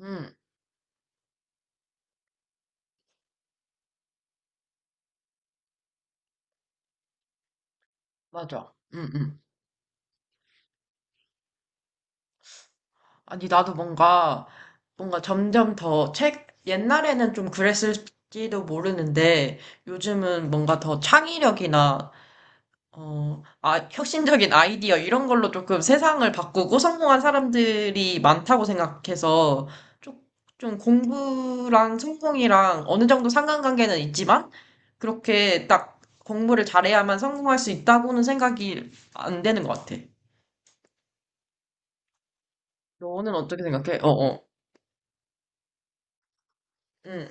응, 맞아. 응, 응. 아니, 나도 뭔가 점점 더 옛날에는 좀 그랬을지도 모르는데, 요즘은 뭔가 더 창의력이나, 혁신적인 아이디어, 이런 걸로 조금 세상을 바꾸고 성공한 사람들이 많다고 생각해서, 좀, 좀 공부랑 성공이랑 어느 정도 상관관계는 있지만, 그렇게 딱 공부를 잘해야만 성공할 수 있다고는 생각이 안 되는 것 같아. 너는 어떻게 생각해? 어어. 응,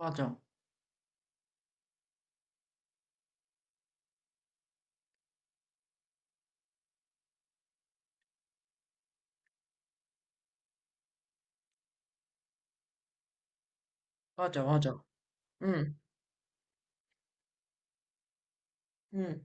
맞아. 맞아, 맞아. 응, 응,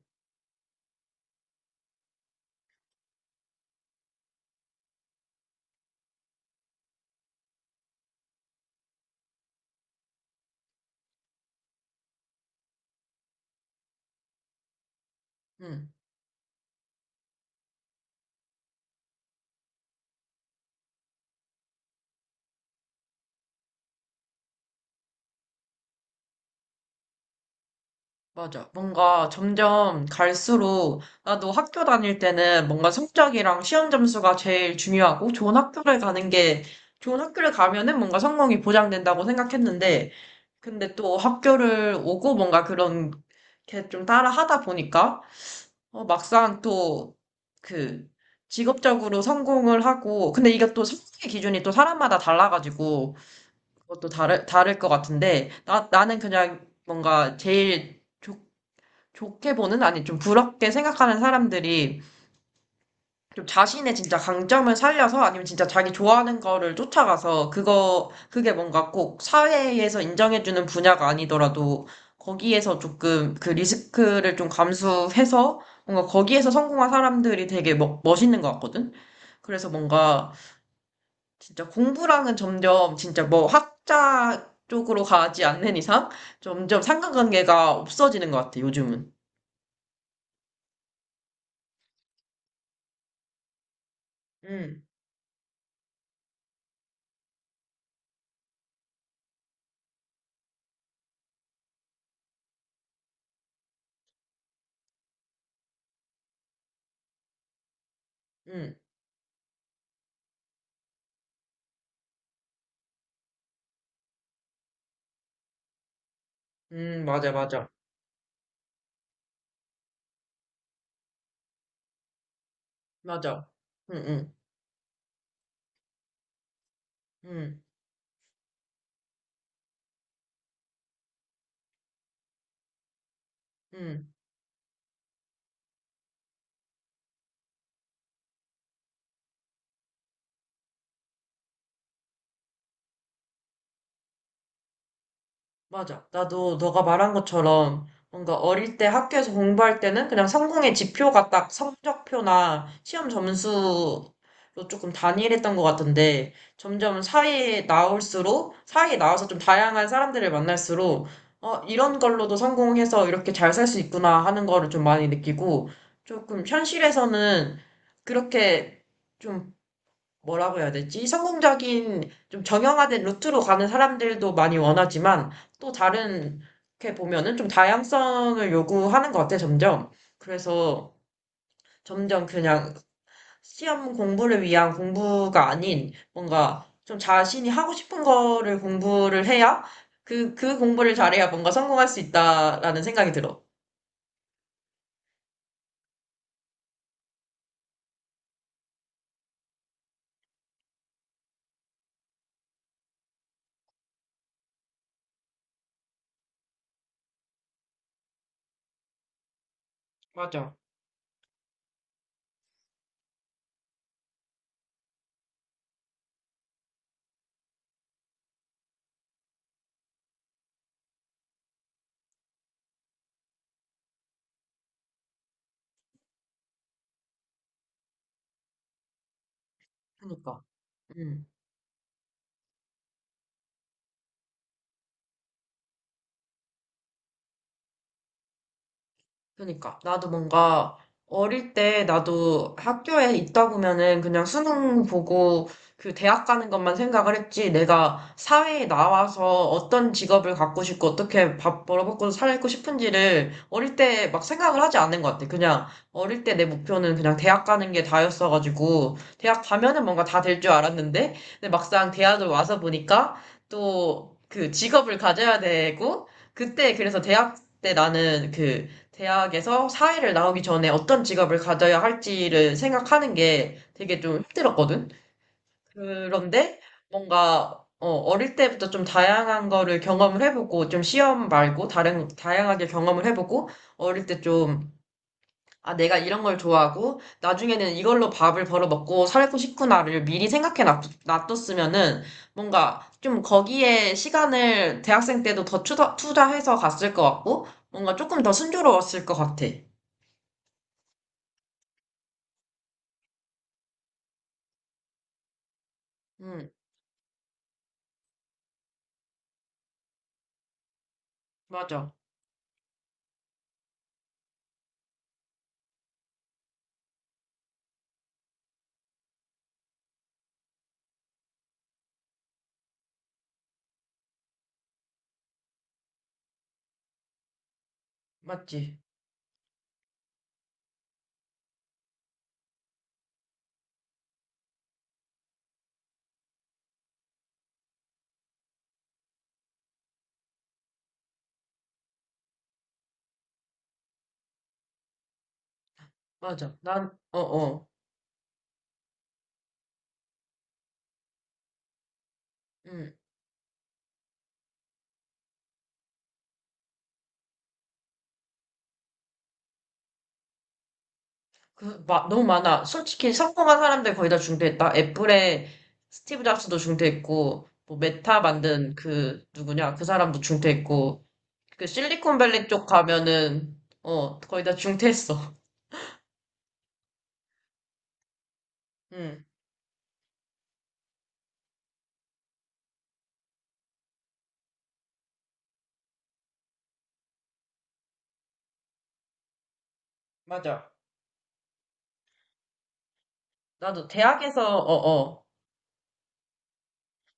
응, 맞아. 뭔가 점점 갈수록 나도 학교 다닐 때는 뭔가 성적이랑 시험 점수가 제일 중요하고 좋은 학교를 가는 게 좋은 학교를 가면은 뭔가 성공이 보장된다고 생각했는데 근데 또 학교를 오고 뭔가 그런 게 좀 따라 하다 보니까 어, 막상 또 그 직업적으로 성공을 하고 근데 이게 또 성공의 기준이 또 사람마다 달라가지고 그것도 다를 것 같은데, 나는 그냥 뭔가 제일 좋게 보는, 아니 좀 부럽게 생각하는 사람들이 좀 자신의 진짜 강점을 살려서 아니면 진짜 자기 좋아하는 거를 쫓아가서 그게 뭔가 꼭 사회에서 인정해주는 분야가 아니더라도 거기에서 조금 그 리스크를 좀 감수해서 뭔가 거기에서 성공한 사람들이 되게 멋있는 것 같거든? 그래서 뭔가 진짜 공부랑은 점점 진짜 뭐 학자 쪽으로 가지 않는 이상 점점 상관관계가 없어지는 것 같아, 요즘은. 응, 응, 응, 맞아, 맞아, 맞아. 응, 응, 응, 응. 맞아. 나도 너가 말한 것처럼 뭔가 어릴 때 학교에서 공부할 때는 그냥 성공의 지표가 딱 성적표나 시험 점수로 조금 단일했던 것 같은데 점점 사회에 나올수록 사회에 나와서 좀 다양한 사람들을 만날수록 어, 이런 걸로도 성공해서 이렇게 잘 살 수 있구나 하는 거를 좀 많이 느끼고 조금 현실에서는 그렇게 좀 뭐라고 해야 되지? 성공적인 좀 정형화된 루트로 가는 사람들도 많이 원하지만 또 다른 이렇게 보면은 좀 다양성을 요구하는 것 같아 점점. 그래서 점점 그냥 시험 공부를 위한 공부가 아닌 뭔가 좀 자신이 하고 싶은 거를 공부를 해야 그 공부를 잘해야 뭔가 성공할 수 있다라는 생각이 들어. 맞아. 그러니까. 음. 그러니까 나도 뭔가 어릴 때 나도 학교에 있다 보면은 그냥 수능 보고 그 대학 가는 것만 생각을 했지 내가 사회에 나와서 어떤 직업을 갖고 싶고 어떻게 밥 벌어먹고 살고 싶은지를 어릴 때 막 생각을 하지 않는 것 같아. 그냥 어릴 때 내 목표는 그냥 대학 가는 게 다였어가지고 대학 가면은 뭔가 다 될 줄 알았는데 근데 막상 대학을 와서 보니까 또 그 직업을 가져야 되고 그때 그래서 대학 때 나는 그 대학에서 사회를 나오기 전에 어떤 직업을 가져야 할지를 생각하는 게 되게 좀 힘들었거든. 그런데 뭔가 어, 어릴 때부터 좀 다양한 거를 경험을 해보고 좀 시험 말고 다른 다양하게 경험을 해보고 어릴 때 좀 아, 내가 이런 걸 좋아하고 나중에는 이걸로 밥을 벌어 먹고 살고 싶구나를 미리 생각해 놔뒀으면은 뭔가 좀 거기에 시간을 대학생 때도 더 투자해서 갔을 것 같고 뭔가 조금 더 순조로웠을 것 같아. 음. 맞아. 맞지. 맞아. 어, 어. 음, 너무 많아. 솔직히 성공한 사람들 거의 다 중퇴했다. 애플의 스티브 잡스도 중퇴했고, 뭐, 메타 만든 그, 누구냐, 그 사람도 중퇴했고, 그 실리콘밸리 쪽 가면은, 거의 다 중퇴했어. 음, 맞아. 나도 대학에서, 어, 어.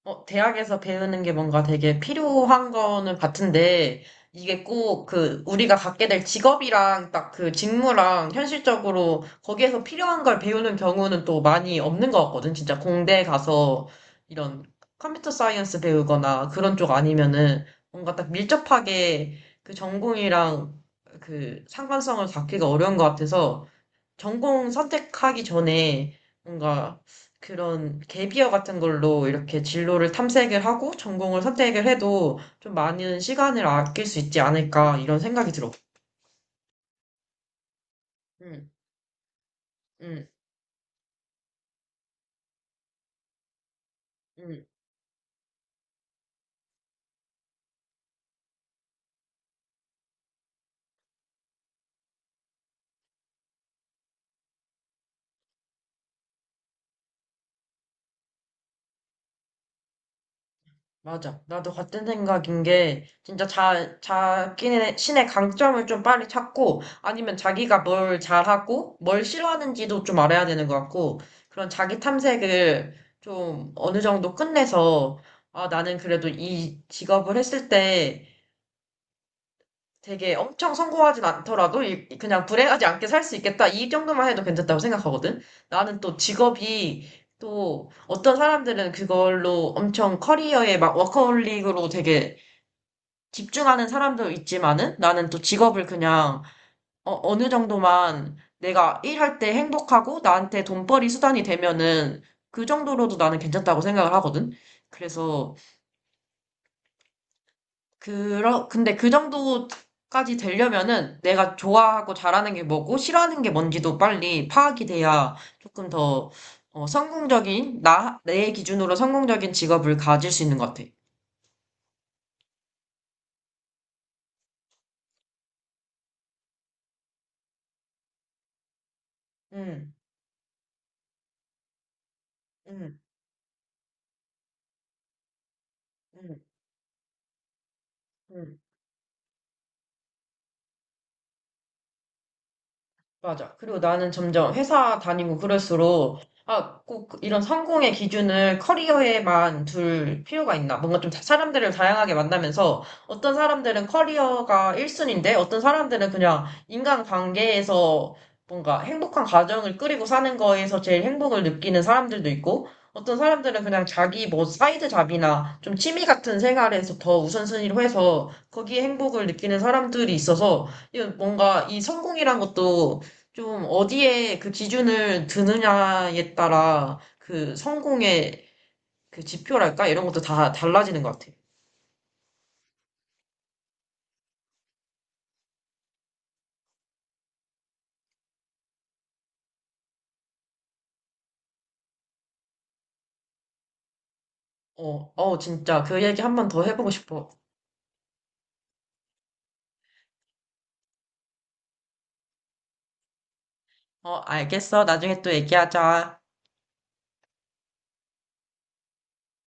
대학에서 배우는 게 뭔가 되게 필요한 거는 같은데, 이게 꼭 그 우리가 갖게 될 직업이랑 딱 그 직무랑 현실적으로 거기에서 필요한 걸 배우는 경우는 또 많이 없는 것 같거든. 진짜 공대 가서 이런 컴퓨터 사이언스 배우거나 그런 쪽 아니면은 뭔가 딱 밀접하게 그 전공이랑 그 상관성을 잡기가 어려운 것 같아서 전공 선택하기 전에 뭔가 그런 갭이어 같은 걸로 이렇게 진로를 탐색을 하고 전공을 선택을 해도 좀 많은 시간을 아낄 수 있지 않을까 이런 생각이 들어. 응, 응, 응. 맞아. 나도 같은 생각인 게, 진짜 자기네, 신의 강점을 좀 빨리 찾고, 아니면 자기가 뭘 잘하고, 뭘 싫어하는지도 좀 알아야 되는 것 같고, 그런 자기 탐색을 좀 어느 정도 끝내서, 아, 나는 그래도 이 직업을 했을 때 되게 엄청 성공하진 않더라도, 그냥 불행하지 않게 살 수 있겠다. 이 정도만 해도 괜찮다고 생각하거든. 나는 또 직업이, 또 어떤 사람들은 그걸로 엄청 커리어에 막 워커홀릭으로 되게 집중하는 사람도 있지만은 나는 또 직업을 그냥 어, 어느 정도만 내가 일할 때 행복하고 나한테 돈벌이 수단이 되면은 그 정도로도 나는 괜찮다고 생각을 하거든. 그래서 그러 근데 그 정도까지 되려면은 내가 좋아하고 잘하는 게 뭐고 싫어하는 게 뭔지도 빨리 파악이 돼야 조금 더 어, 성공적인 나 내 기준으로 성공적인 직업을 가질 수 있는 것 같아. 응, 응, 응, 응. 맞아. 그리고 나는 점점 회사 다니고 그럴수록, 아, 꼭 이런 성공의 기준을 커리어에만 둘 필요가 있나. 뭔가 좀 사람들을 다양하게 만나면서 어떤 사람들은 커리어가 1순위인데 어떤 사람들은 그냥 인간관계에서 뭔가 행복한 가정을 꾸리고 사는 거에서 제일 행복을 느끼는 사람들도 있고 어떤 사람들은 그냥 자기 뭐 사이드 잡이나 좀 취미 같은 생활에서 더 우선순위로 해서 거기에 행복을 느끼는 사람들이 있어서 이건 뭔가 이 성공이란 것도 좀 어디에 그 기준을 드느냐에 따라 그 성공의 그 지표랄까? 이런 것도 다 달라지는 것 같아. 어, 어, 진짜 그 얘기 한 번 더 해보고 싶어. 어, 알겠어. 나중에 또 얘기하자.